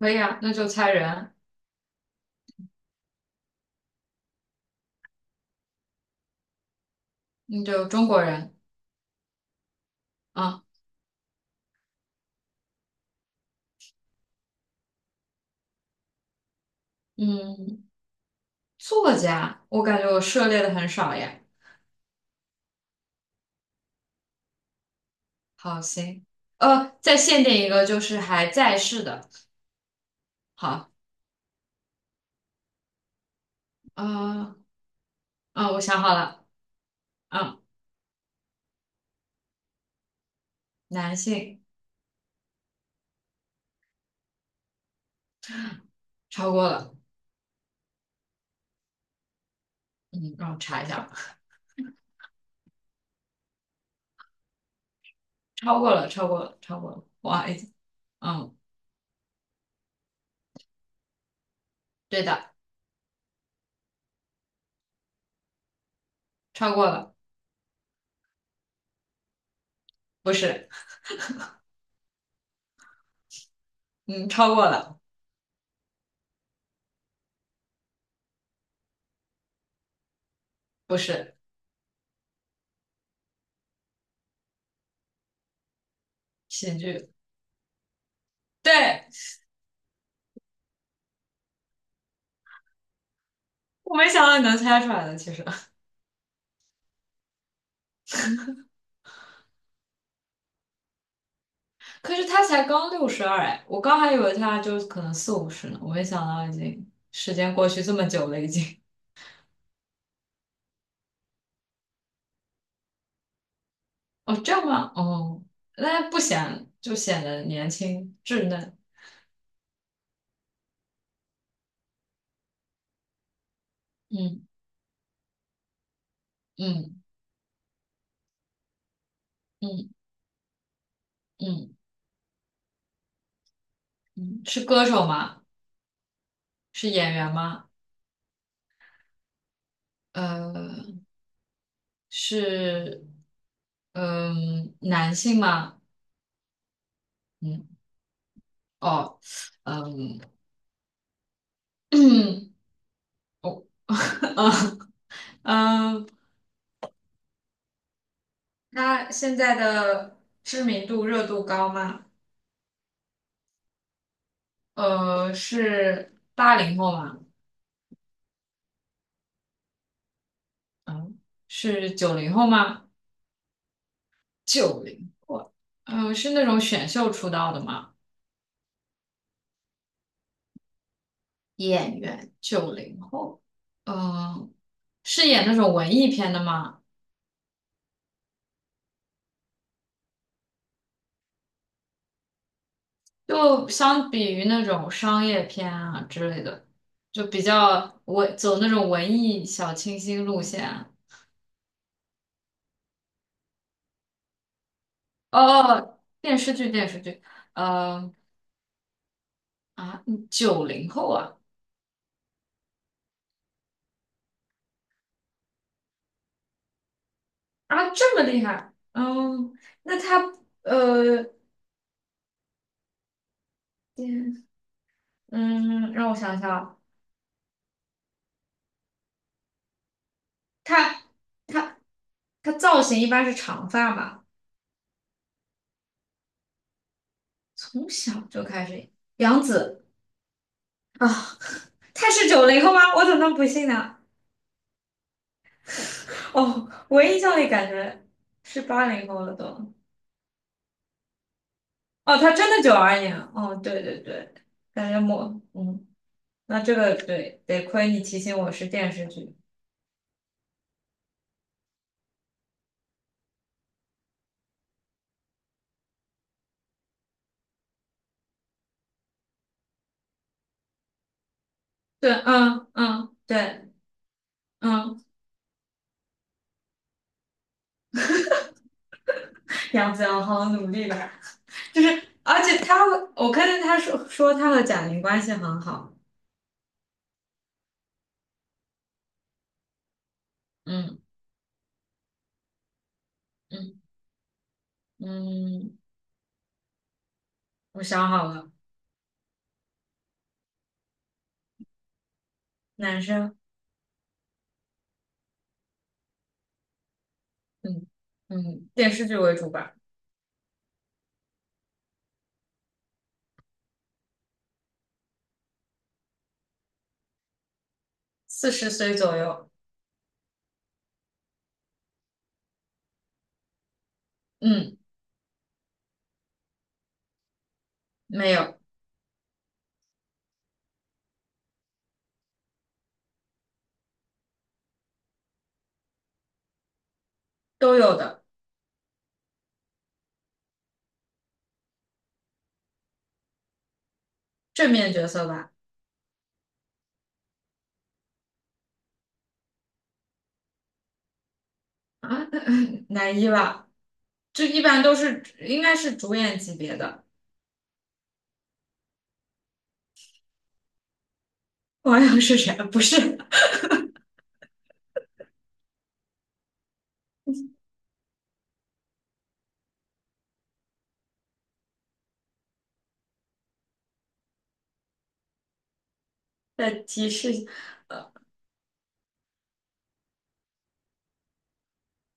可以啊，那就猜人，那就中国人啊。嗯，作家，我感觉我涉猎的很少耶。好，行，再限定一个，就是还在世的。好，呃，我想好了。嗯，男性。超过了。嗯，让我查一下吧。超过了，超过了，超过了，不好意思。嗯，对的。超过了。不是。嗯，超过了。不是。喜剧。对，我没想到你能猜出来的，其实。可是他才刚62哎，我刚还以为他就可能四五十呢，我没想到已经时间过去这么久了，已经。哦，这样吗？哦，那不显就显得年轻稚嫩。嗯嗯嗯嗯嗯。是歌手吗？是演员吗？呃，是男性吗？嗯。哦。呃嗯。 哦。 嗯嗯，他现在的知名度热度高吗？是八零后吗？嗯，是九零后吗？九零是那种选秀出道的吗？演员，九零后。嗯、是演那种文艺片的吗？就相比于那种商业片啊之类的，就比较文走那种文艺小清新路线啊。哦，哦哦电视剧电视剧。呃啊，九零后啊。啊，这么厉害。嗯，那他呃嗯，嗯让我想想。他他他造型一般是长发吧，从小就开始。杨紫啊 他是九零后吗？我怎么能不信呢？哦，我印象里感觉是八零后了都。哦，他真的92年啊。哦，对对对。感觉我嗯，那这个对，得亏你提醒我是电视剧。对，嗯嗯，对。嗯，杨紫要好好努力吧。就是，而且他会我看见他说他和贾玲关系很好。嗯嗯嗯，我想好了。男生。嗯电视剧为主吧。40岁左右。嗯，没有。都有的。正面角色吧。啊，男一吧，这一般都是应该是主演级别的。网友是谁？不是。再提示，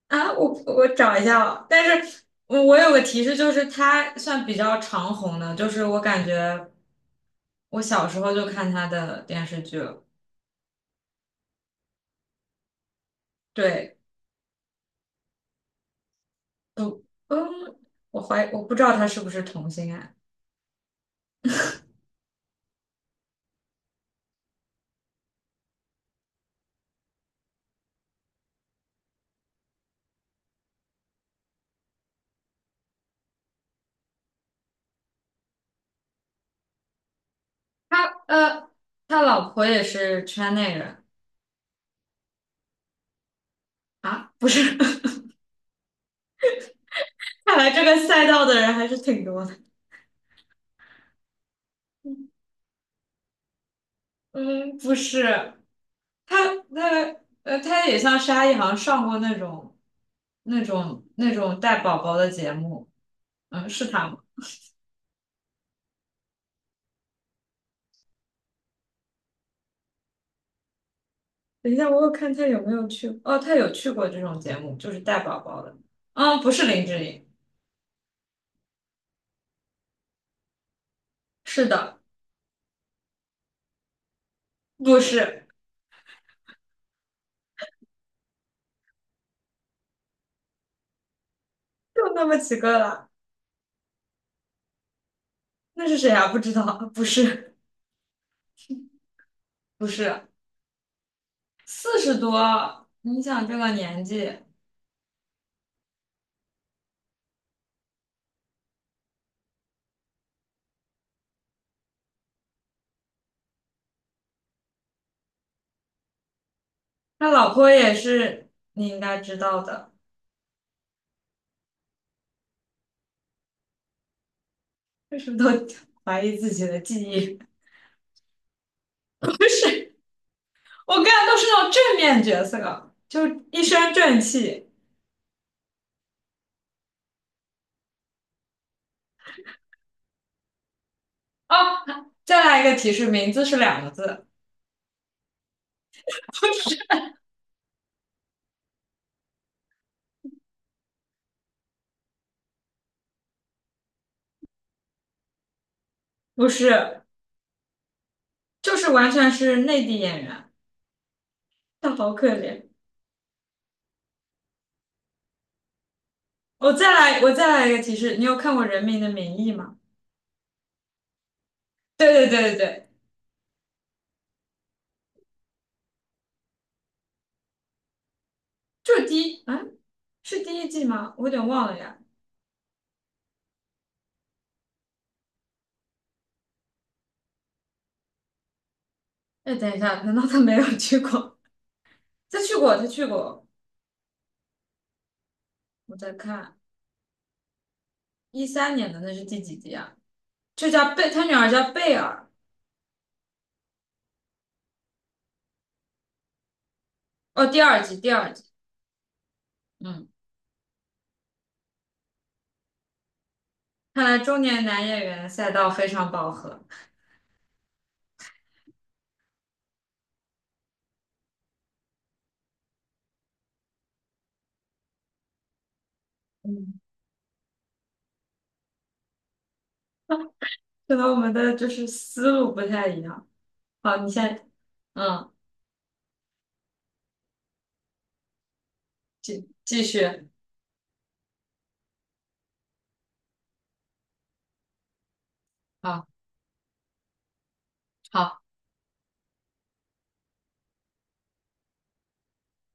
啊，我找一下哦，但是我有个提示，就是他算比较长红的，就是我感觉我小时候就看他的电视剧了。对。不。嗯，我怀疑我不知道他是不是同性恋。他呃，他老婆也是圈内人。啊，不是？看来这个赛道的人还是挺多的。嗯，不是。他他他也像沙溢，好像上过那种带宝宝的节目。嗯，是他吗？等一下，我有看他有没有去，哦，他有去过这种节目，就是带宝宝的。不是林志颖。是的。不是，就那么几个了。那是谁啊？不知道。不是。不是，40多，你想这个年纪，他老婆也是，你应该知道的。为什么都 怀疑自己的记忆？不是，我干的都是那种正面角色，就一身正气。哦，再来一个提示，名字是两个字。不是。就是完全是内地演员。他好可怜。我再来一个提示。你有看过《人民的名义》吗？对对对对对。就是第一，啊，是第一季吗？我有点忘了呀。哎，等一下，难道他没有去过？他去过，他去过。我在看13年的，那是第几集啊？这叫贝，他女儿叫贝尔。哦，第二季，第二季。嗯，看来中年男演员赛道非常饱和。嗯，可能我们的就是思路不太一样。好，你先。嗯，继续。好好。